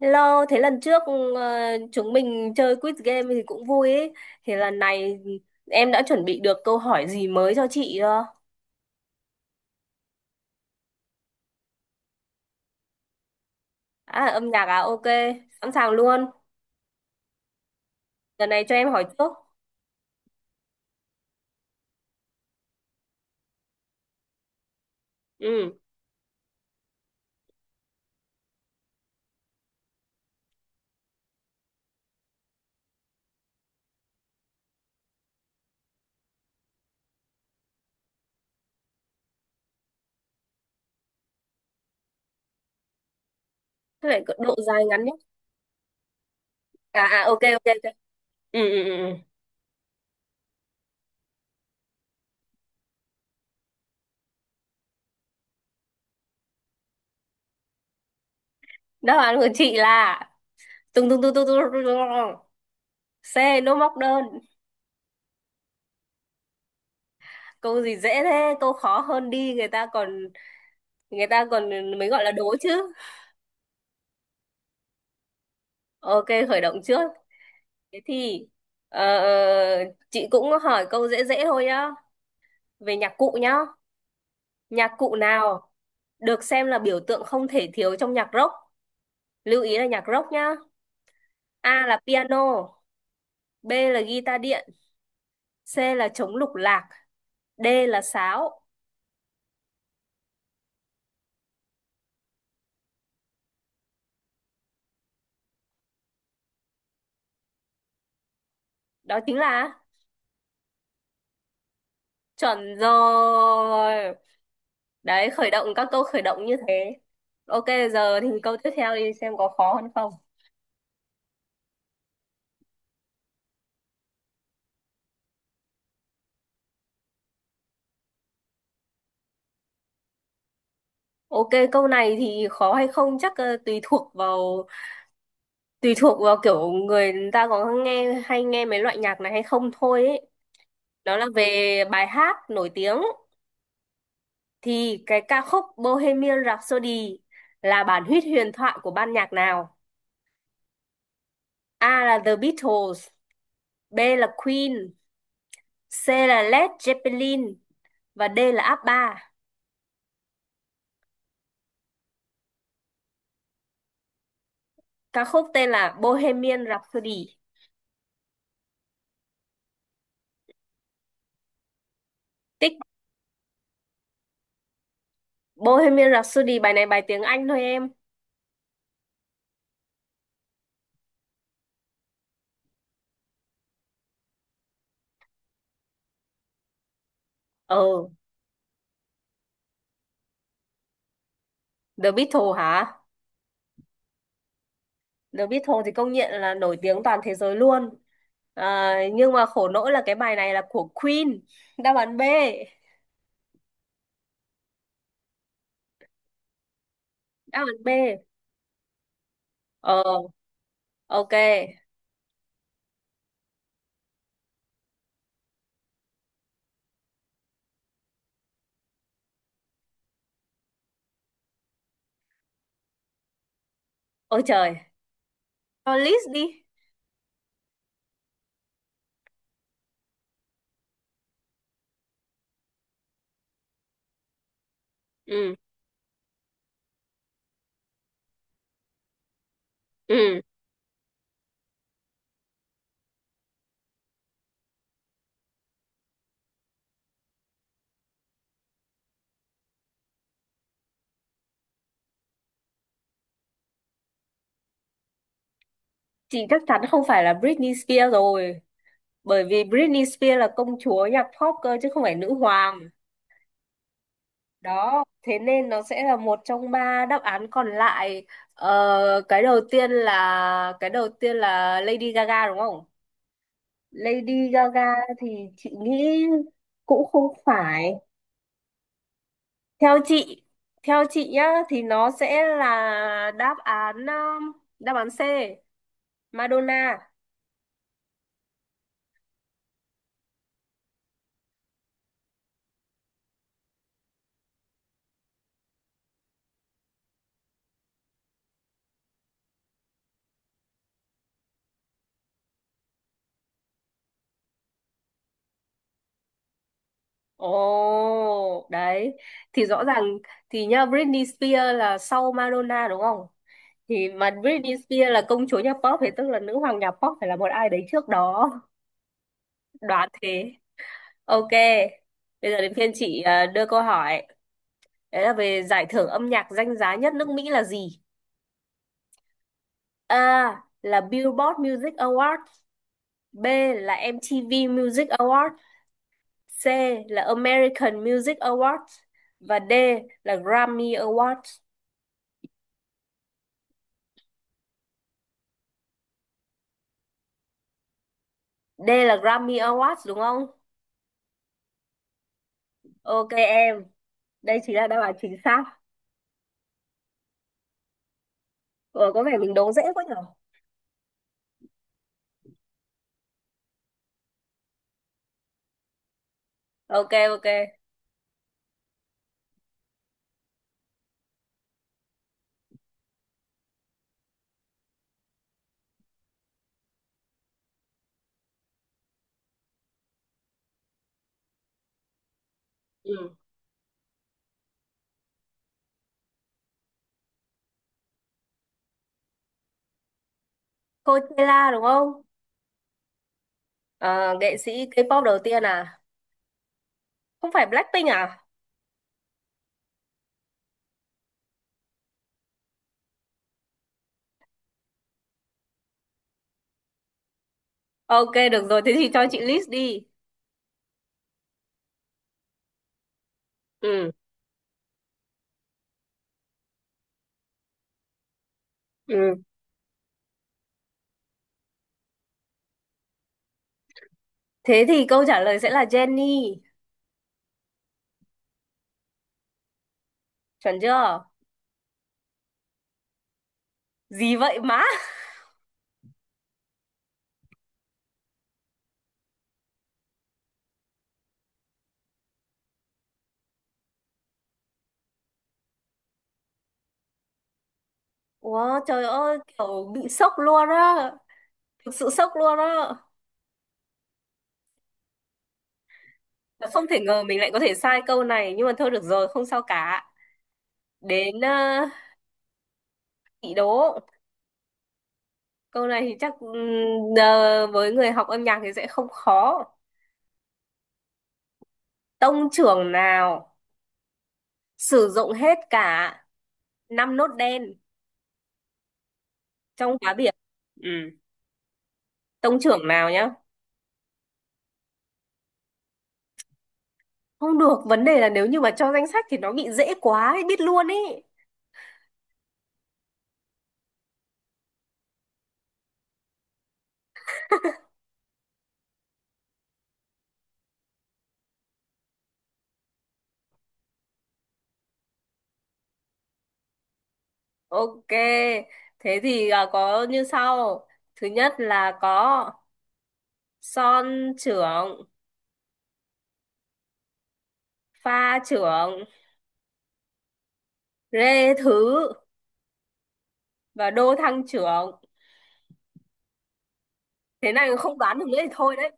Hello, thế lần trước chúng mình chơi quiz game thì cũng vui ấy. Thì lần này em đã chuẩn bị được câu hỏi gì mới cho chị chưa? À, âm nhạc à? Ok, sẵn sàng luôn. Lần này cho em hỏi trước. Ừ, thế lại độ dài ngắn nhé. À, à, ok, ok, ok. Ừ, ừ, ừ, ừ. Đáp án của chị là tung tung tung tung tung tung tung. C, nô móc đơn. Câu gì dễ thế, câu khó hơn đi. Người ta còn mới gọi là đố chứ. Ok, khởi động trước. Thế thì ờ, ờ, chị cũng hỏi câu dễ dễ thôi nhá. Về nhạc cụ nhá. Nhạc cụ nào được xem là biểu tượng không thể thiếu trong nhạc rock? Lưu ý là nhạc rock nhá. A là piano, B là guitar điện, C là trống lục lạc, D là sáo. Đó chính là chuẩn rồi. Đấy, khởi động các câu khởi động như thế. Ok, giờ thì câu tiếp theo đi xem có khó hơn không. Ok, câu này thì khó hay không chắc tùy thuộc vào kiểu người ta có nghe hay nghe mấy loại nhạc này hay không thôi ấy. Đó là về bài hát nổi tiếng thì cái ca khúc Bohemian Rhapsody là bản huyết huyền thoại của ban nhạc nào? A là The Beatles, B là Queen, C là Led Zeppelin và D là ABBA. Ca khúc tên là Bohemian Rhapsody. Tích Bohemian Rhapsody, bài này bài tiếng Anh thôi em. Ờ, The Beatles hả? The Beatles thì công nhận là nổi tiếng toàn thế giới luôn. À, nhưng mà khổ nỗi là cái bài này là của Queen. Đáp án B. Đáp án B. Ờ, ok. Ôi trời. Cho list đi. Ừ, ừ. Chị chắc chắn không phải là Britney Spears rồi. Bởi vì Britney Spears là công chúa nhạc pop cơ chứ không phải nữ hoàng. Đó, thế nên nó sẽ là một trong ba đáp án còn lại. Ờ, cái đầu tiên là Lady Gaga đúng không? Lady Gaga thì chị nghĩ cũng không phải, theo chị theo chị nhá thì nó sẽ là đáp án C Madonna. Ồ đấy, thì rõ ràng, thì nhá Britney Spears là sau Madonna đúng không, thì mà Britney Spears là công chúa nhà pop thì tức là nữ hoàng nhà pop phải là một ai đấy trước đó, đoán thế. Ok, bây giờ đến phiên chị à, đưa câu hỏi. Đấy là về giải thưởng âm nhạc danh giá nhất nước Mỹ là gì. A là Billboard Music Award, B là MTV Music Award, C là American Music Awards và D là Grammy Awards. D là Grammy Awards đúng không? Ok em, đây chính là đáp án chính xác. Ờ, có vẻ mình đố dễ quá nhở. Ok ok. Ừ. Coachella đúng không? Ờ, nghệ sĩ K-pop đầu tiên à? Không phải Blackpink à? Ok được rồi, thế thì cho chị list đi. Ừ. Ừ. Thế thì câu trả lời sẽ là Jennie, chuẩn chưa? Gì vậy má. Wow, trời ơi kiểu bị sốc luôn á, thực sự sốc luôn á. Và không thể ngờ mình lại có thể sai câu này nhưng mà thôi được rồi không sao cả. Đến chị đố câu này thì chắc với người học âm nhạc thì sẽ không khó. Tông trưởng nào sử dụng hết cả năm nốt đen trong cá biệt. Ừ, tông trưởng nào nhá. Không được, vấn đề là nếu như mà cho danh sách thì nó bị dễ quá ấy, biết luôn ý. Ok, thế thì à, có như sau. Thứ nhất là có son trưởng, pha trưởng, rê thứ và đô thăng trưởng. Thế này không đoán được nữa thì thôi đấy.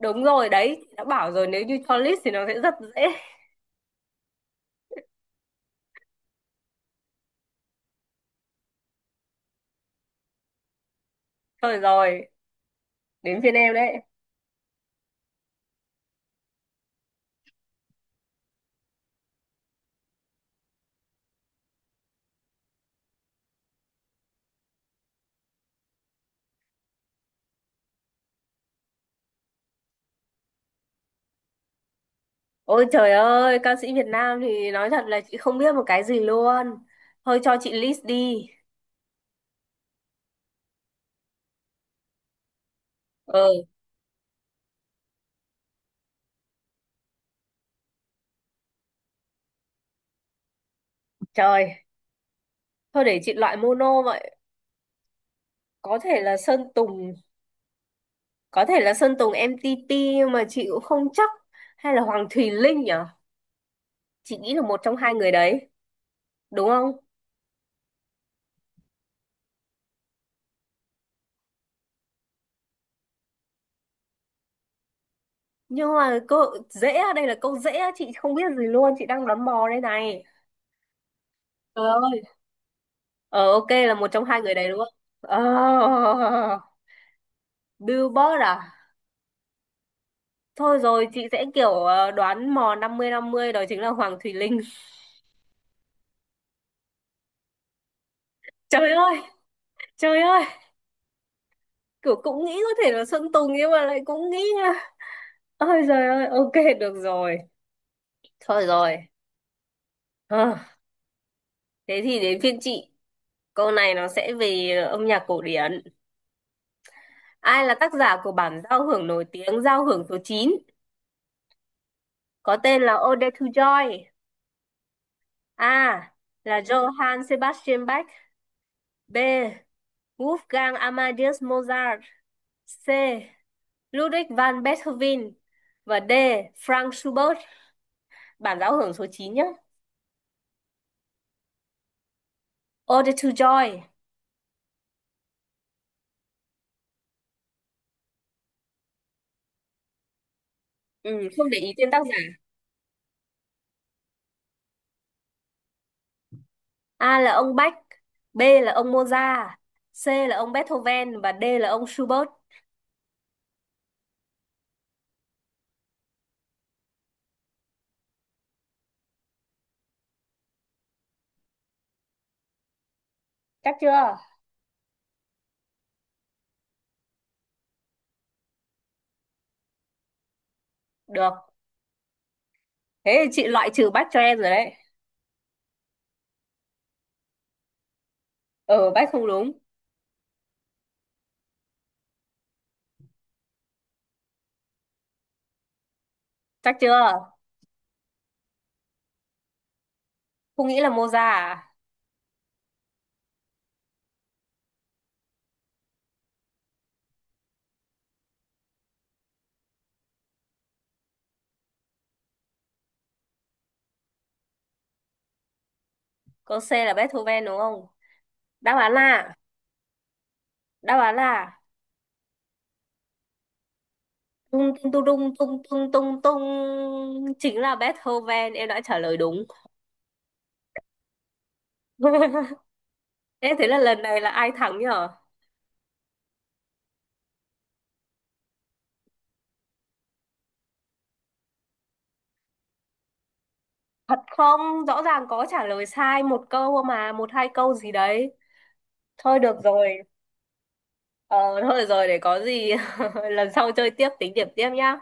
Đúng rồi, đấy, đã bảo rồi nếu như cho list thì nó sẽ rất dễ. Thôi rồi, đến phiên em đấy. Ôi trời ơi, ca sĩ Việt Nam thì nói thật là chị không biết một cái gì luôn. Thôi cho chị list đi. Ừ, trời. Thôi để chị loại mono vậy. Có thể là Sơn Tùng, có thể là Sơn Tùng MTP nhưng mà chị cũng không chắc, hay là Hoàng Thùy Linh nhở, chị nghĩ là một trong hai người đấy đúng không? Nhưng mà câu dễ á, đây là câu dễ á, chị không biết gì luôn chị đang đoán mò đây này. Trời ơi, ờ ok là một trong hai người đấy đúng không. Ờ, Billboard à, thôi rồi chị sẽ kiểu đoán mò năm mươi năm mươi, đó chính là Hoàng Thùy Linh. Trời ơi, trời ơi, kiểu cũng nghĩ có thể là Sơn Tùng nhưng mà lại cũng nghĩ nha. Ôi trời ơi, ok, được rồi, thôi rồi. Ờ, thế thì đến phiên chị. Câu này nó sẽ về âm nhạc cổ điển. Ai là tác giả của bản giao hưởng nổi tiếng giao hưởng số chín có tên là Ode to Joy? A. Là Johann Sebastian Bach. B. Wolfgang Amadeus Mozart. C. Ludwig van Beethoven. Và D. Frank Schubert. Bản giao hưởng số 9 nhé. Ode to Joy. Ừ, không để ý tên tác giả. A là ông Bach. B là ông Mozart. C là ông Beethoven. Và D là ông Schubert. Chắc chưa? Được. Thế thì chị loại trừ Bach cho em rồi đấy. Ừ, Bach không đúng. Chắc chưa? Không nghĩ là Mozart à? Câu C là Beethoven đúng không? Đáp án là, đáp án là tung tung tung tung tung tung tung tung chính là Beethoven. Em đã trả lời đúng. Thế thế là lần này là ai thắng nhở? Thật không? Rõ ràng có trả lời sai một câu mà, một hai câu gì đấy. Thôi được rồi. Ờ, thôi được rồi để có gì lần sau chơi tiếp tính điểm tiếp nhá.